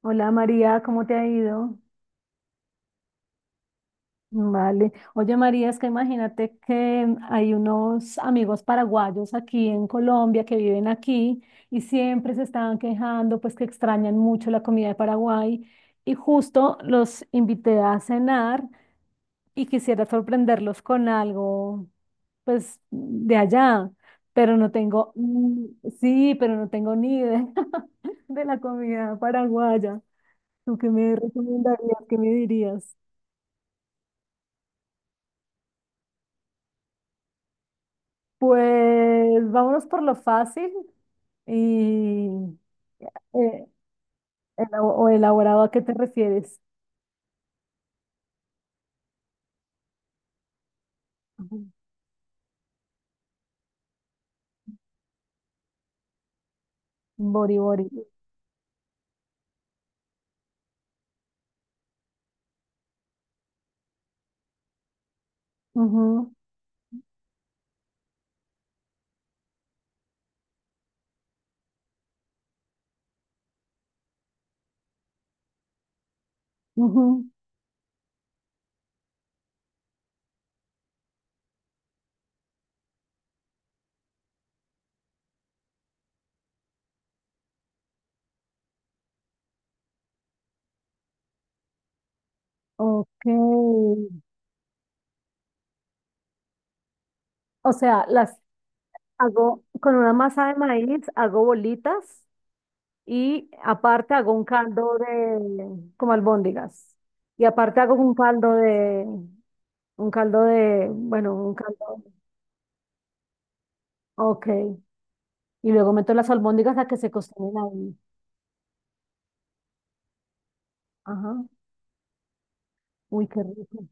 Hola María, ¿cómo te ha ido? Vale. Oye María, es que imagínate que hay unos amigos paraguayos aquí en Colombia que viven aquí y siempre se estaban quejando, pues que extrañan mucho la comida de Paraguay y justo los invité a cenar y quisiera sorprenderlos con algo, pues de allá, pero no tengo, ni- sí, pero no tengo ni idea de la comida paraguaya. ¿Tú qué me recomendarías? ¿Qué me dirías? Pues vámonos por lo fácil y eh, o elaborado a qué te refieres. Ujú. Bori bori. Ujú, ujú. Ok. O sea, las hago con una masa de maíz, hago bolitas y aparte hago un caldo de como albóndigas. Y aparte hago un caldo de, bueno, un caldo. Ok. Y luego meto las albóndigas a que se cocinen ahí. Ajá. Uy, qué rico.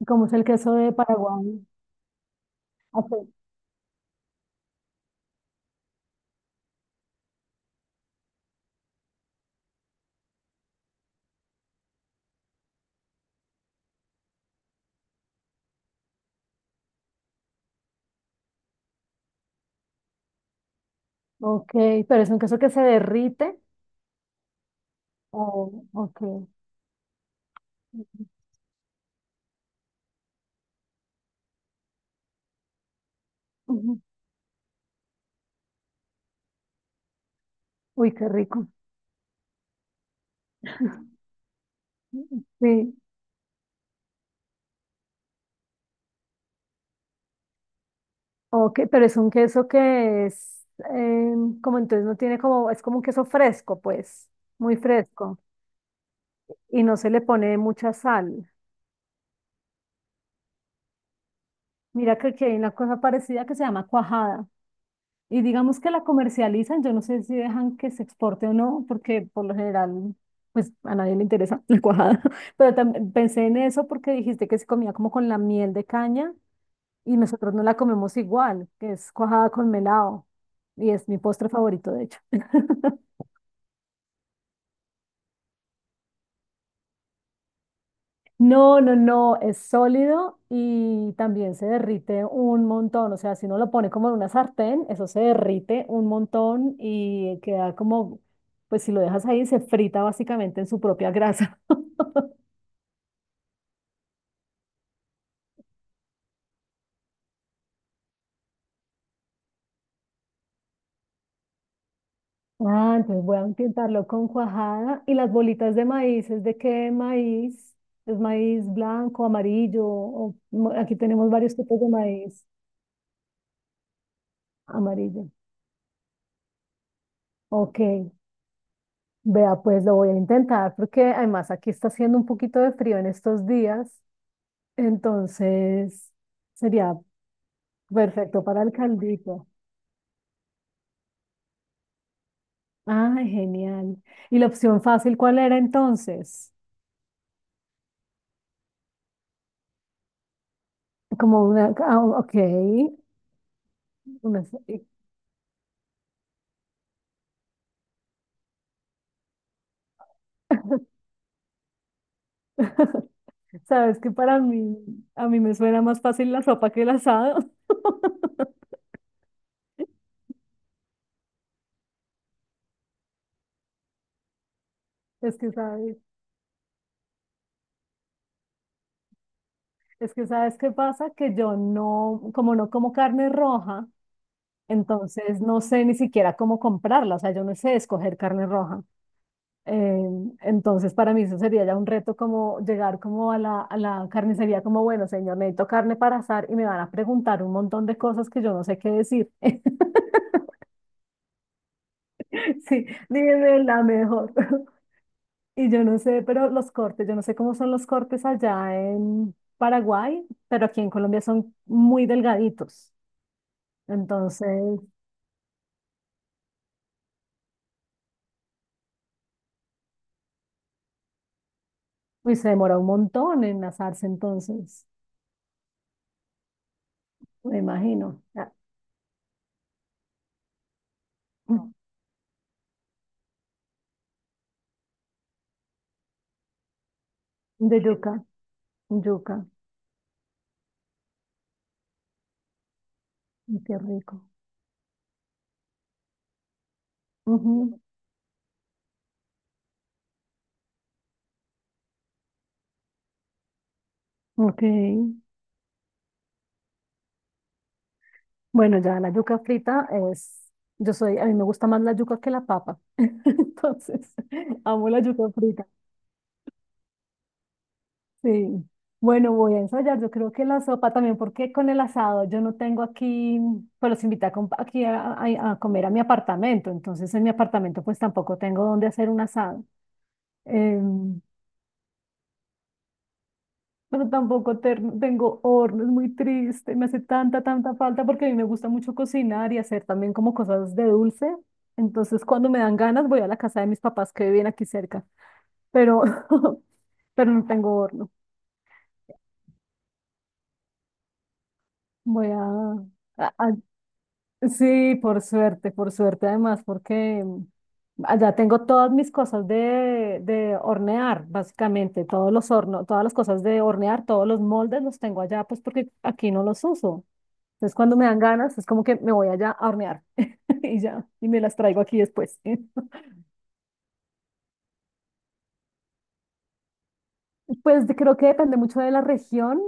¿Cómo es el queso de Paraguay? Ok, ok, pero es un queso que se derrite. Oh, ok. Ujú. Uy, qué rico. Sí, ok, pero es un queso que es eh, como entonces no tiene como, es como un queso fresco, pues, muy fresco. Y no se le pone mucha sal. Mira que aquí hay una cosa parecida que se llama cuajada. Y digamos que la comercializan, yo no sé si dejan que se exporte o no, porque por lo general, pues a nadie le interesa la cuajada. Pero también pensé en eso porque dijiste que se comía como con la miel de caña y nosotros no la comemos igual, que es cuajada con melado. Y es mi postre favorito, de hecho. No, no, no, es sólido y también se derrite un montón. O sea, si uno lo pone como en una sartén, eso se derrite un montón y queda como, pues si lo dejas ahí, se frita básicamente en su propia grasa. Ah, entonces voy a intentarlo con cuajada. ¿Y las bolitas de maíz? ¿Es de qué maíz? ¿Es maíz blanco, amarillo? Aquí tenemos varios tipos de maíz amarillo. Ok. Vea, pues lo voy a intentar porque además aquí está haciendo un poquito de frío en estos días, entonces sería perfecto para el caldito. Ah, genial. ¿Y la opción fácil cuál era entonces? Como una, ah, ok, una, sabes que para mí, a mí me suena más fácil la sopa que el asado. Es que sabes, es que sabes qué pasa, que yo no, como no como carne roja, entonces no sé ni siquiera cómo comprarla, o sea, yo no sé escoger carne roja. Eh, entonces para mí eso sería ya un reto como llegar como a a la carnicería como, bueno, señor, necesito carne para asar y me van a preguntar un montón de cosas que yo no sé qué decir. Sí, dime la mejor. Y yo no sé, pero los cortes, yo no sé cómo son los cortes allá en Paraguay, pero aquí en Colombia son muy delgaditos. Entonces, uy, se demora un montón en asarse entonces, me imagino. Ah, de yuca, yuca, y qué rico. Ujú, ok, bueno, ya la yuca frita es, yo soy, a mí me gusta más la yuca que la papa, entonces amo la yuca frita, sí. Bueno, voy a ensayar, yo creo que la sopa también, porque con el asado yo no tengo aquí, pues los invité a com- aquí a comer a mi apartamento, entonces en mi apartamento pues tampoco tengo dónde hacer un asado. Em, pero tampoco ter- tengo horno, es muy triste, me hace tanta, tanta falta porque a mí me gusta mucho cocinar y hacer también como cosas de dulce. Entonces, cuando me dan ganas, voy a la casa de mis papás que viven aquí cerca, pero, pero no tengo horno. Voy a- Sí, por suerte además, porque allá tengo todas mis cosas de hornear, básicamente, todos los hornos, todas las cosas de hornear, todos los moldes los tengo allá, pues porque aquí no los uso. Entonces, cuando me dan ganas, es como que me voy allá a hornear y ya, y me las traigo aquí después. Creo que depende mucho de la región,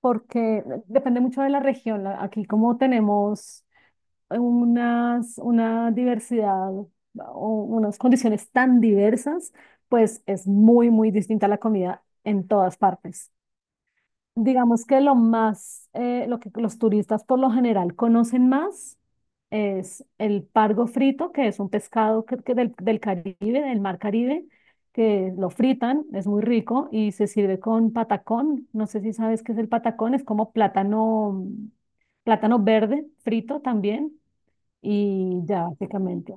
porque depende mucho de la región. Aquí como tenemos unas, una diversidad o unas condiciones tan diversas, pues es muy, muy distinta la comida en todas partes. Digamos que lo más, lo que los turistas por lo general conocen más es el pargo frito, que es un pescado que del, del Caribe, del mar Caribe, que lo fritan, es muy rico y se sirve con patacón. No sé si sabes qué es el patacón, es como plátano, plátano verde frito también y ya básicamente.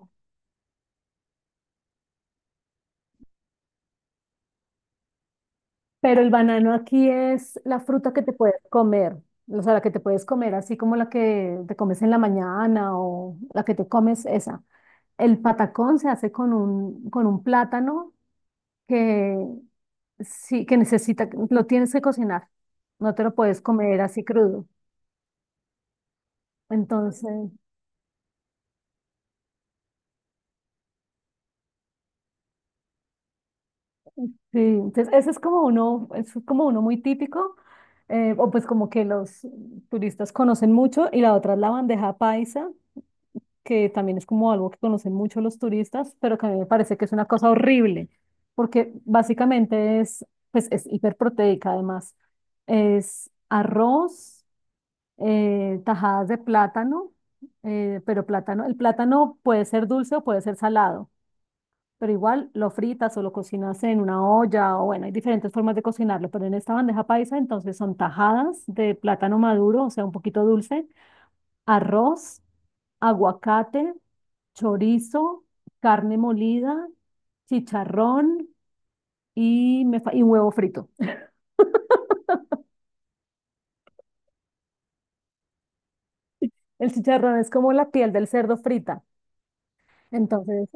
Pero el banano aquí es la fruta que te puedes comer, o sea, la que te puedes comer, así como la que te comes en la mañana o la que te comes esa. El patacón se hace con un plátano que sí, que necesita, lo tienes que cocinar, no te lo puedes comer así crudo. Entonces, sí, entonces ese es como uno muy típico, o pues como que los turistas conocen mucho, y la otra es la bandeja paisa que también es como algo que conocen mucho los turistas, pero que a mí me parece que es una cosa horrible, porque básicamente es, pues es hiperproteica además. Es arroz, tajadas de plátano, pero plátano, el plátano puede ser dulce o puede ser salado, pero igual lo fritas o lo cocinas en una olla, o bueno, hay diferentes formas de cocinarlo, pero en esta bandeja paisa entonces son tajadas de plátano maduro, o sea, un poquito dulce, arroz, aguacate, chorizo, carne molida, chicharrón y huevo frito. El chicharrón es como la piel del cerdo frita. Entonces,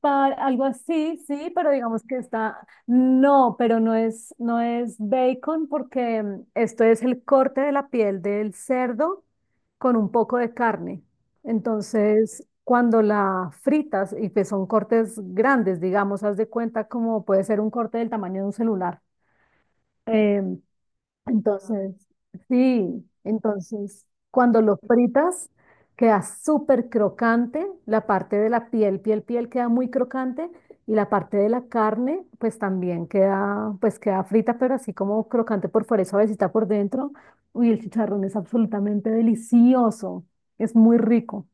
para algo así, sí, pero digamos que está, no, pero no es, no es bacon porque esto es el corte de la piel del cerdo con un poco de carne. Entonces, cuando la fritas, y que son cortes grandes, digamos, haz de cuenta como puede ser un corte del tamaño de un celular. em, entonces, sí, entonces cuando lo fritas queda súper crocante, la parte de la piel, piel queda muy crocante y la parte de la carne pues también queda, pues queda frita, pero así como crocante por fuera y suavecita por dentro. Uy, el chicharrón es absolutamente delicioso, es muy rico.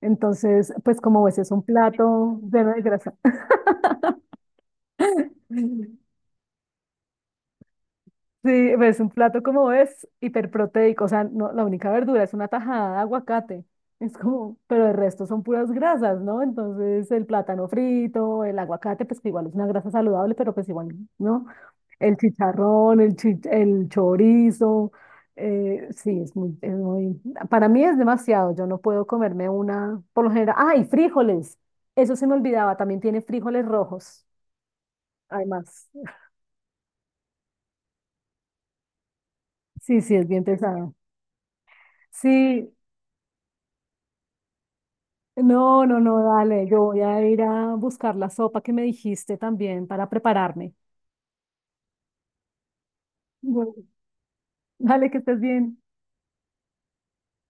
Entonces, pues como ves, es un plato lleno de grasa. Sí, pues un plato como es hiperproteico, o sea, no, la única verdura es una tajada de aguacate. Es como, pero el resto son puras grasas, ¿no? Entonces, el plátano frito, el aguacate, pues que igual es una grasa saludable, pero pues igual, ¿no? El chicharrón, el chorizo, sí, es muy, para mí es demasiado, yo no puedo comerme una, por lo general, ¡ay, frijoles! Eso se me olvidaba, también tiene frijoles rojos, además. Sí, sí, es bien pesado. Sí, no, no, no, dale, yo voy a ir a buscar la sopa que me dijiste también para prepararme. Bueno. Dale, que estés bien.